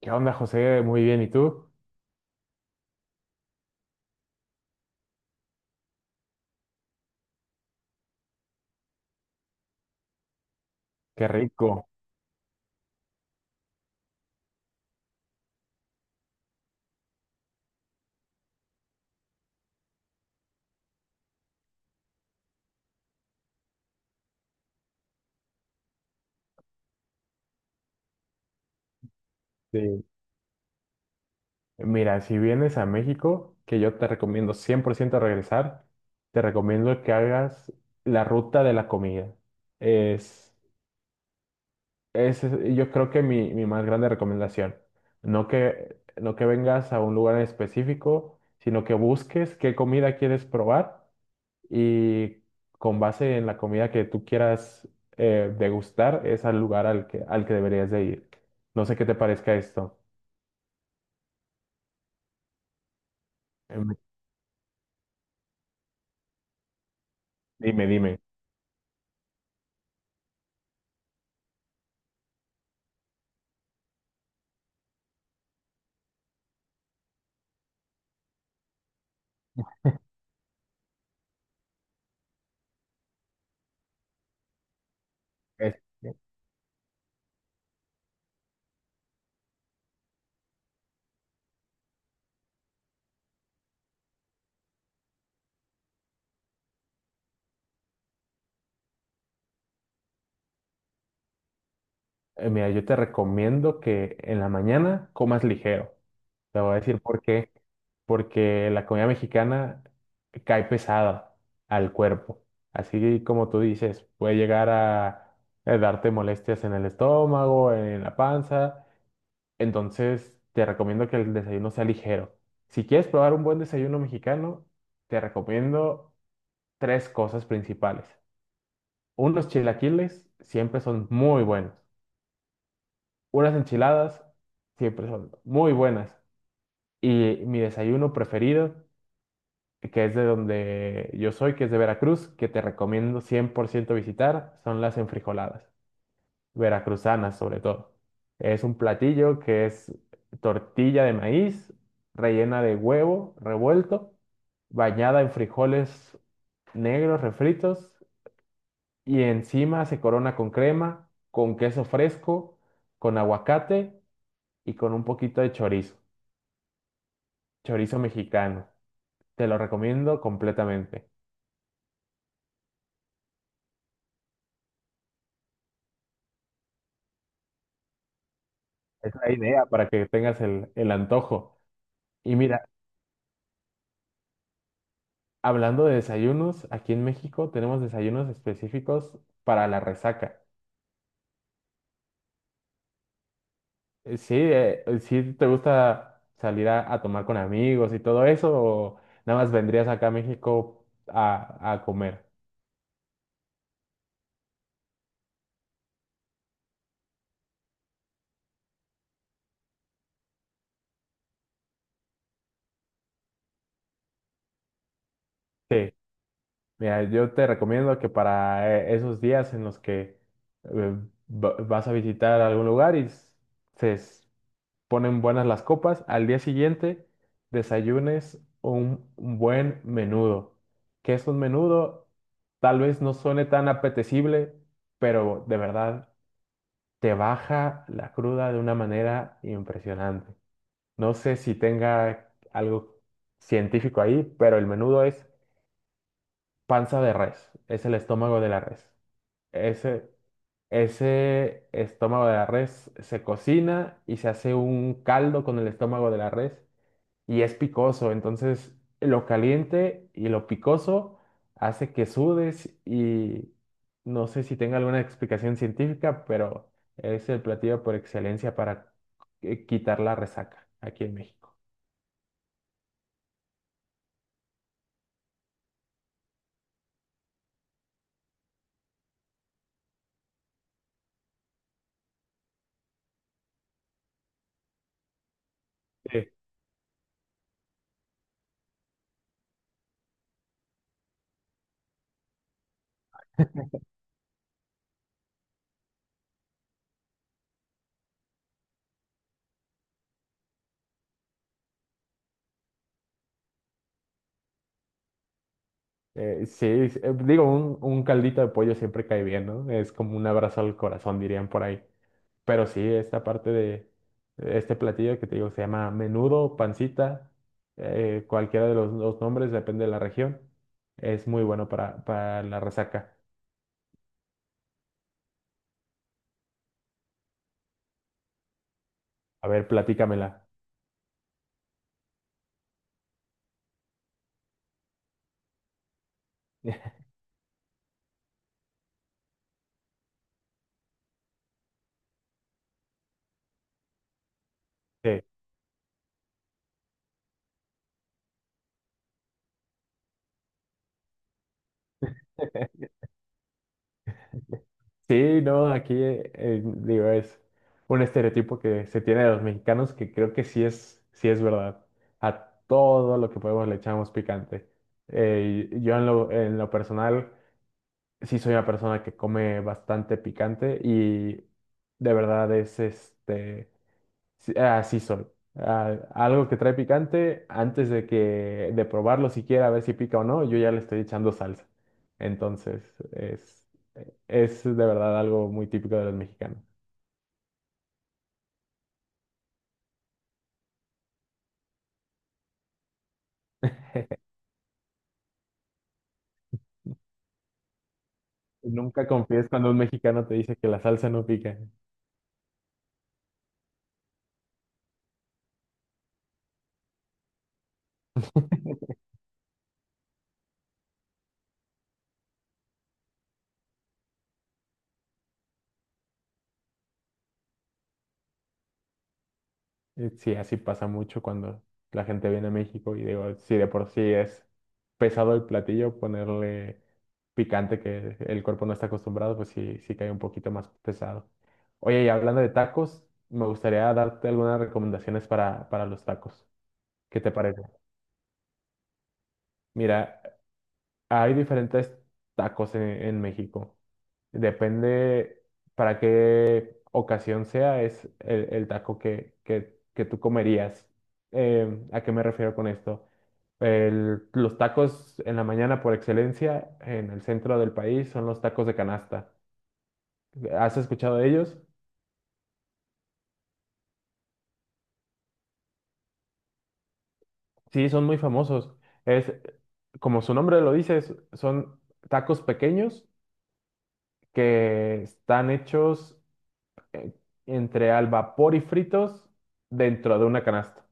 ¿Qué onda, José? Muy bien, ¿y tú? Qué rico. Sí. Mira, si vienes a México, que yo te recomiendo 100% regresar, te recomiendo que hagas la ruta de la comida. Es, yo creo que mi más grande recomendación. No que vengas a un lugar en específico, sino que busques qué comida quieres probar y con base en la comida que tú quieras degustar, es al lugar al que deberías de ir. No sé qué te parezca esto. Em, Dime, dime. Es- Mira, yo te recomiendo que en la mañana comas ligero. Te voy a decir por qué. Porque la comida mexicana cae pesada al cuerpo. Así como tú dices, puede llegar a darte molestias en el estómago, en la panza. Entonces, te recomiendo que el desayuno sea ligero. Si quieres probar un buen desayuno mexicano, te recomiendo tres cosas principales. Unos chilaquiles siempre son muy buenos. Unas enchiladas siempre son muy buenas. Y mi desayuno preferido, que es de donde yo soy, que es de Veracruz, que te recomiendo 100% visitar, son las enfrijoladas veracruzanas sobre todo. Es un platillo que es tortilla de maíz rellena de huevo revuelto, bañada en frijoles negros refritos y encima se corona con crema, con queso fresco, con aguacate y con un poquito de chorizo, chorizo mexicano. Te lo recomiendo completamente. Es la idea para que tengas el antojo. Y mira, hablando de desayunos, aquí en México tenemos desayunos específicos para la resaca. Sí, sí te gusta salir a tomar con amigos y todo eso, o nada más vendrías acá a México a comer. Sí, mira, yo te recomiendo que para esos días en los que eh, vas a visitar algún lugar y se, ponen buenas las copas, al día siguiente desayunes un buen menudo. ¿Qué es un menudo? Tal vez no suene tan apetecible, pero de verdad te baja la cruda de una manera impresionante. No sé si tenga algo científico ahí, pero el menudo es panza de res, es el estómago de la res. Ese, ese estómago de la res se cocina y se hace un caldo con el estómago de la res y es picoso, entonces lo caliente y lo picoso hace que sudes y no sé si tenga alguna explicación científica, pero es el platillo por excelencia para quitar la resaca aquí en México. Digo, un caldito de pollo siempre cae bien, ¿no? Es como un abrazo al corazón, dirían por ahí. Pero sí, esta parte de este platillo que te digo se llama menudo, pancita, cualquiera de los dos nombres, depende de la región. Es muy bueno para la resaca. A ver, platícamela. Sí. Sí, no, aquí digo, es un estereotipo que se tiene de los mexicanos que creo que sí es verdad. A todo lo que podemos le echamos picante. Y yo en lo personal sí soy una persona que come bastante picante y de verdad es este, sí- así soy. Ah, algo que trae picante, antes de que de probarlo siquiera a ver si pica o no, yo ya le estoy echando salsa. Entonces, es de verdad algo muy típico de los mexicanos. Nunca confíes cuando un mexicano te dice que la salsa no pica. Sí, así pasa mucho cuando la gente viene a México y digo, si de por sí es pesado el platillo, ponerle picante que el cuerpo no está acostumbrado, pues sí, sí cae un poquito más pesado. Oye, y hablando de tacos, me gustaría darte algunas recomendaciones para los tacos. ¿Qué te parece? Mira, hay diferentes tacos en México. Depende para qué ocasión sea, es el taco que tú comerías. ¿A qué me refiero con esto? Los tacos en la mañana por excelencia en el centro del país son los tacos de canasta. ¿Has escuchado de ellos? Sí, son muy famosos. Es, como su nombre lo dice, son tacos pequeños que están hechos eh, entre al vapor y fritos dentro de una canasta.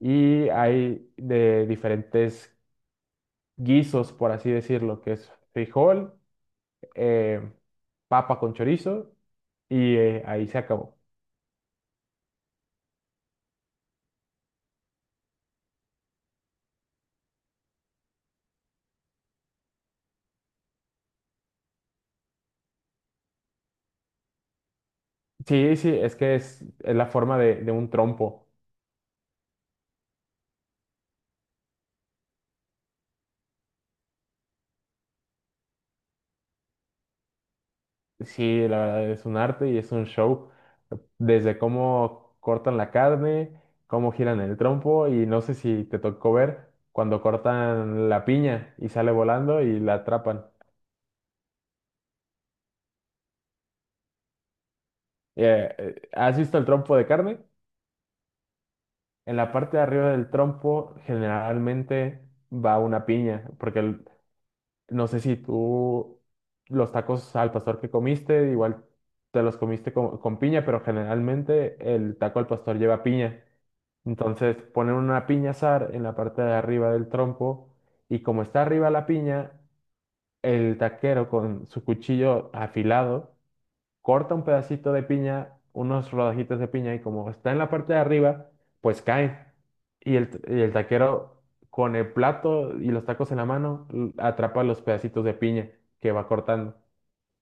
Y hay de diferentes guisos, por así decirlo, que es frijol, eh, papa con chorizo y ahí se acabó. Sí, sí, es que es la forma de un trompo. Sí, la verdad es un arte y es un show. Desde cómo cortan la carne, cómo giran el trompo y no sé si te tocó ver cuando cortan la piña y sale volando y la atrapan. ¿Has visto el trompo de carne? En la parte de arriba del trompo generalmente va una piña, porque no sé si tú los tacos al pastor que comiste, igual te los comiste con piña, pero generalmente el taco al pastor lleva piña. Entonces ponen una piña asar en la parte de arriba del trompo y como está arriba la piña, el taquero con su cuchillo afilado corta un pedacito de piña, unos rodajitas de piña, y como está en la parte de arriba, pues cae. Y el, y el taquero, con el plato y los tacos en la mano, atrapa los pedacitos de piña que va cortando.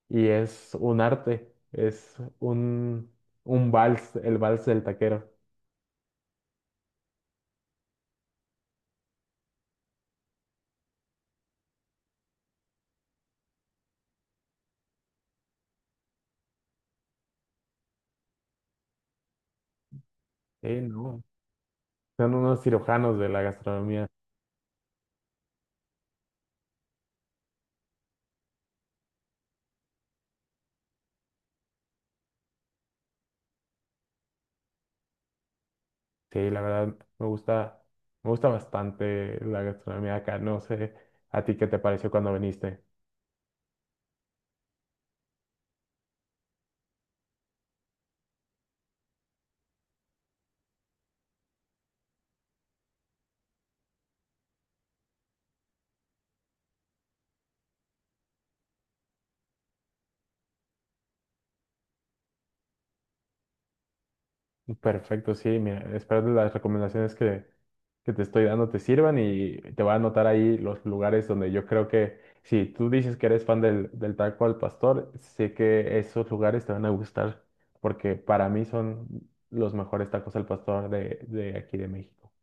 Y es un arte, es un vals, el vals del taquero. Sí, no. Son unos cirujanos de la gastronomía. Sí, la verdad, me gusta bastante la gastronomía acá. No sé a ti qué te pareció cuando viniste. Perfecto, sí, mira, espero que las recomendaciones que te estoy dando te sirvan y te voy a anotar ahí los lugares donde yo creo que, si tú dices que eres fan del taco al pastor, sé que esos lugares te van a gustar, porque para mí son los mejores tacos al pastor de aquí de México.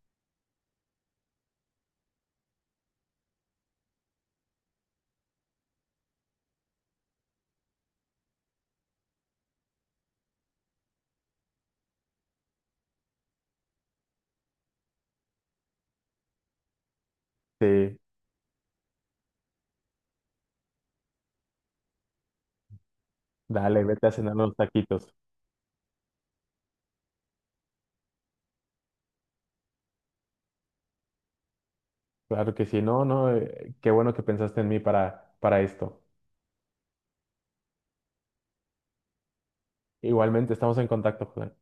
Sí, dale, vete a cenar unos taquitos. Claro que sí, no, no, qué bueno que pensaste en mí para esto. Igualmente, estamos en contacto, Julián.